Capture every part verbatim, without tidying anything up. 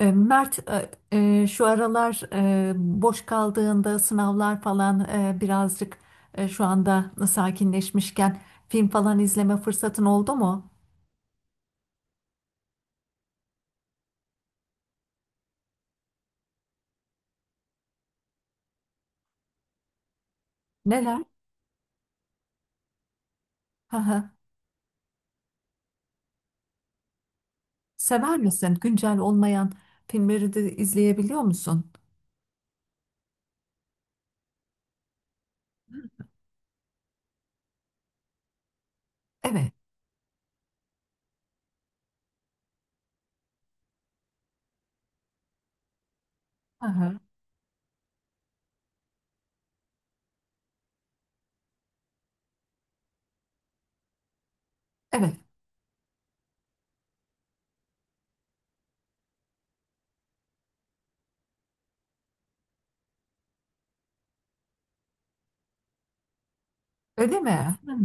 E, Mert, e, e, şu aralar e, boş kaldığında sınavlar falan e, birazcık e, şu anda sakinleşmişken film falan izleme fırsatın oldu mu? Neler? Hı hı. Sever misin? Güncel olmayan filmleri de izleyebiliyor musun? Evet. Hı hı. Evet. Öyle mi? Hı.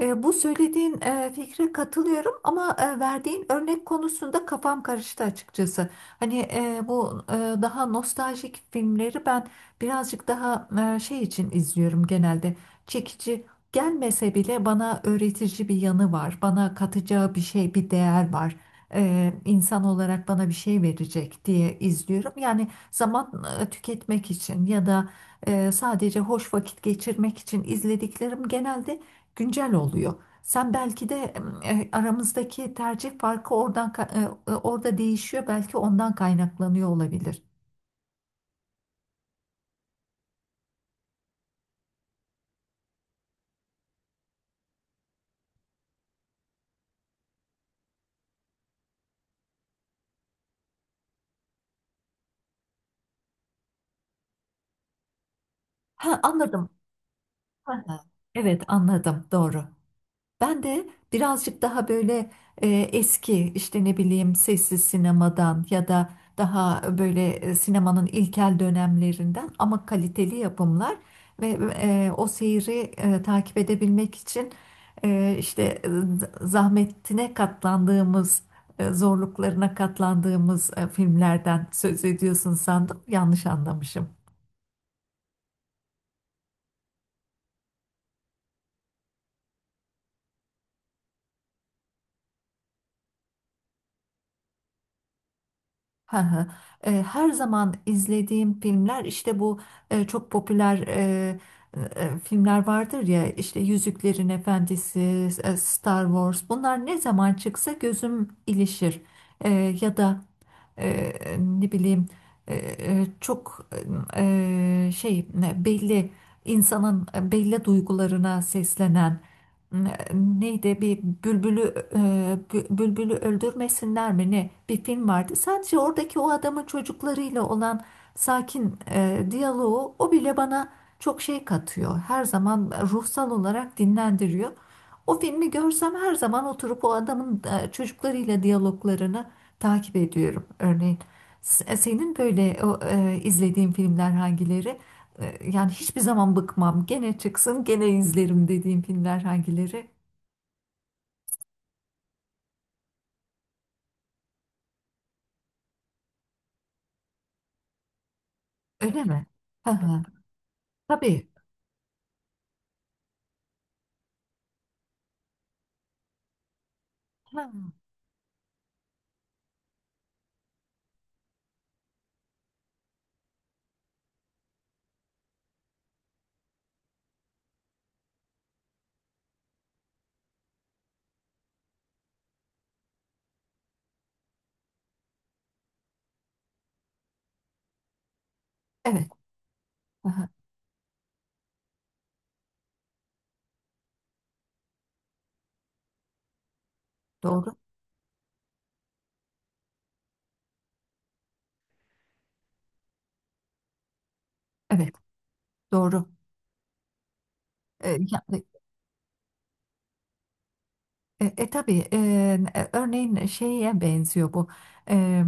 E, bu söylediğin e, fikre katılıyorum ama e, verdiğin örnek konusunda kafam karıştı açıkçası. Hani e, bu e, daha nostaljik filmleri ben birazcık daha e, şey için izliyorum genelde. Çekici gelmese bile bana öğretici bir yanı var. Bana katacağı bir şey, bir değer var. E, insan olarak bana bir şey verecek diye izliyorum. Yani zaman e, tüketmek için ya da e, sadece hoş vakit geçirmek için izlediklerim genelde güncel oluyor. Sen belki de e, aramızdaki tercih farkı oradan ka- e, e, orada değişiyor. Belki ondan kaynaklanıyor olabilir. Ha, anladım. Ha, ha. Evet anladım. Doğru. Ben de birazcık daha böyle e, eski işte ne bileyim sessiz sinemadan ya da daha böyle e, sinemanın ilkel dönemlerinden ama kaliteli yapımlar ve e, o seyri e, takip edebilmek için e, işte e, zahmetine katlandığımız e, zorluklarına katlandığımız e, filmlerden söz ediyorsun sandım, yanlış anlamışım. Hı hı. E, her zaman izlediğim filmler işte bu e, çok popüler e, e, filmler vardır ya, işte Yüzüklerin Efendisi, e, Star Wars, bunlar ne zaman çıksa gözüm ilişir. E, Ya da e, ne bileyim e, e, çok e, şey ne, belli insanın belli duygularına seslenen ne- neydi, bir bülbülü e, bü- bülbülü öldürmesinler mi ne, bir film vardı. Sadece oradaki o adamın çocuklarıyla olan sakin e, diyaloğu, o bile bana çok şey katıyor. Her zaman ruhsal olarak dinlendiriyor. O filmi görsem her zaman oturup o adamın e, çocuklarıyla diyaloglarını takip ediyorum. Örneğin S- senin böyle o, e, izlediğin filmler hangileri? E, Yani hiçbir zaman bıkmam. Gene çıksın, gene izlerim dediğim filmler hangileri? Öyle mi? Hı hı. Tabii. Hı. Evet. Hı hı. Doğru. Evet. Doğru. E, ya- E, e tabii, e, örneğin şeye benziyor bu. E,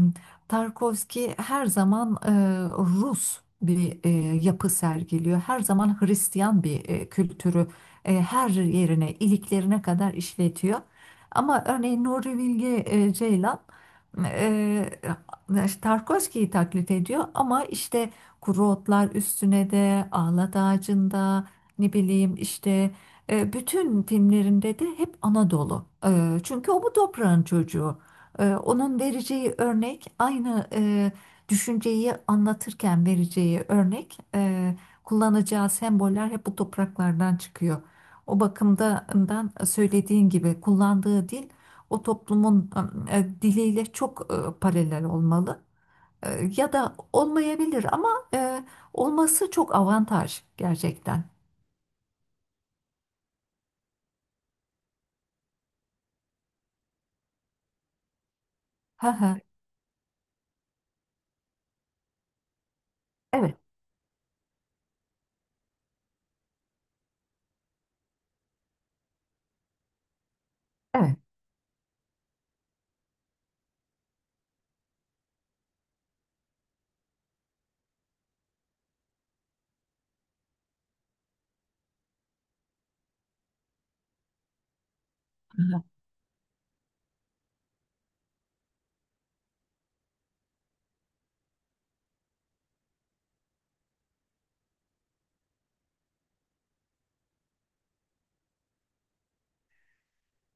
Tarkovski her zaman e, Rus bir e, yapı sergiliyor. Her zaman Hristiyan bir e, kültürü e, her yerine, iliklerine kadar işletiyor. Ama örneğin Nuri Bilge e, Ceylan e, Tarkovski'yi taklit ediyor, ama işte kuru otlar üstüne de, ağlat ağacında, ne bileyim işte e, bütün filmlerinde de hep Anadolu. E, çünkü o bu toprağın çocuğu. E, onun vereceği örnek, aynı e, düşünceyi anlatırken vereceği örnek, e, kullanacağı semboller hep bu topraklardan çıkıyor. O bakımdan söylediğin gibi kullandığı dil o toplumun e, diliyle çok e, paralel olmalı. E, ya da olmayabilir ama e, olması çok avantaj gerçekten. Hı hı. Evet, evet.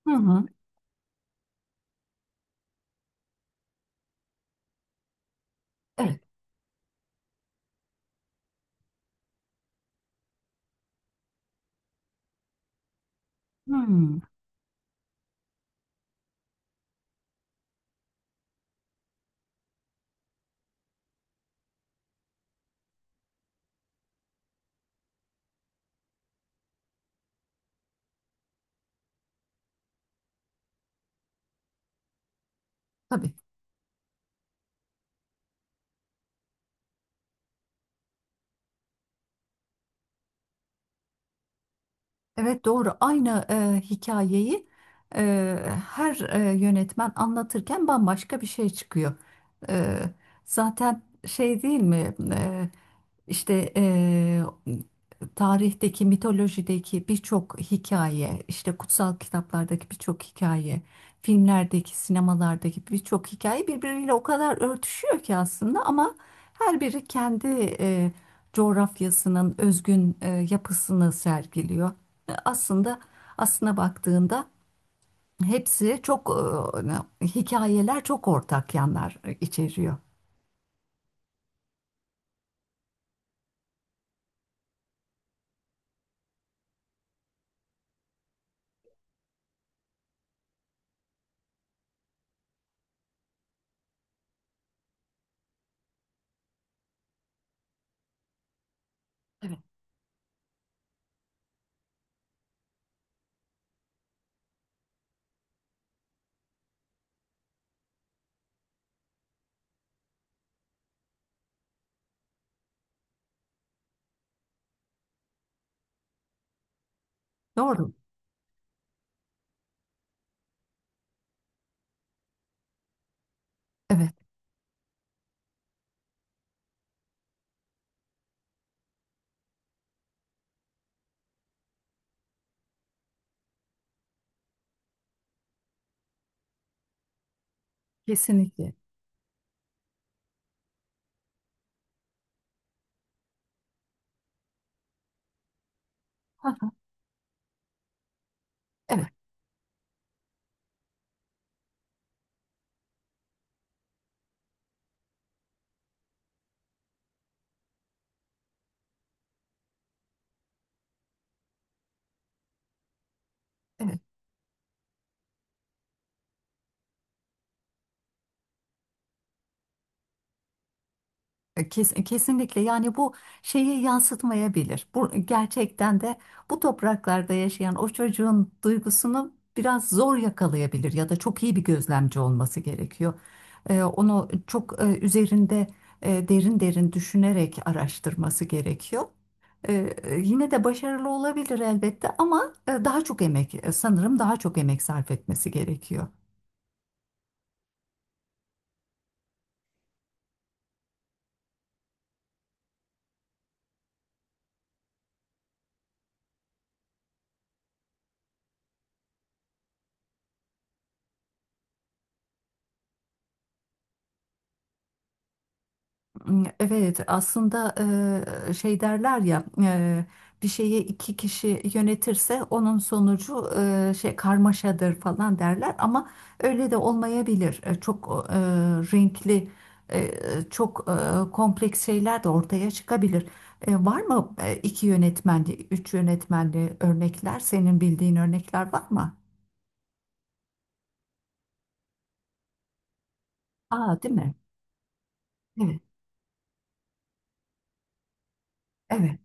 Hı hı. Evet. Hı. Tabii. Evet, doğru. Aynı e, hikayeyi e, her e, yönetmen anlatırken bambaşka bir şey çıkıyor. E, Zaten şey değil mi? E, işte e, tarihteki, mitolojideki birçok hikaye, işte kutsal kitaplardaki birçok hikaye, filmlerdeki, sinemalardaki birçok hikaye birbiriyle o kadar örtüşüyor ki aslında, ama her biri kendi e, coğrafyasının özgün e, yapısını sergiliyor. Aslında aslına baktığında hepsi çok e, hani, hikayeler çok ortak yanlar içeriyor. Evet. Doğru. Evet, kesinlikle. Ha, evet, evet. E, Kes- e, Kesinlikle, yani bu şeyi yansıtmayabilir. Bu e, gerçekten de bu topraklarda yaşayan o çocuğun duygusunu biraz zor yakalayabilir, ya da çok iyi bir gözlemci olması gerekiyor. Ee, onu çok e, üzerinde e, derin derin düşünerek araştırması gerekiyor. Ee, Yine de başarılı olabilir elbette, ama e, daha çok emek e, sanırım daha çok emek sarf etmesi gerekiyor. Evet, aslında e, şey derler ya, e, bir şeyi iki kişi yönetirse onun sonucu e, şey karmaşadır falan derler, ama öyle de olmayabilir. E, Çok e, renkli, e, çok e, kompleks şeyler de ortaya çıkabilir. E, Var mı e, iki yönetmenli, üç yönetmenli örnekler? Senin bildiğin örnekler var mı? Aa, değil mi? Evet, evet,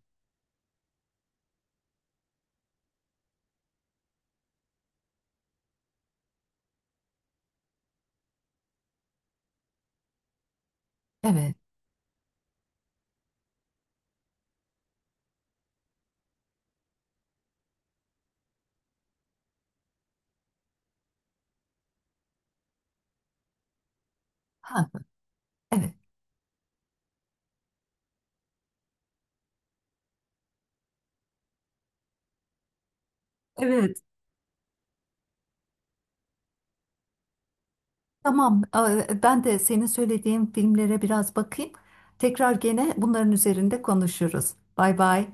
evet. Ha, evet, evet. Tamam, e, ben de senin söylediğin filmlere biraz bakayım. Tekrar gene bunların üzerinde konuşuruz. Bay bay.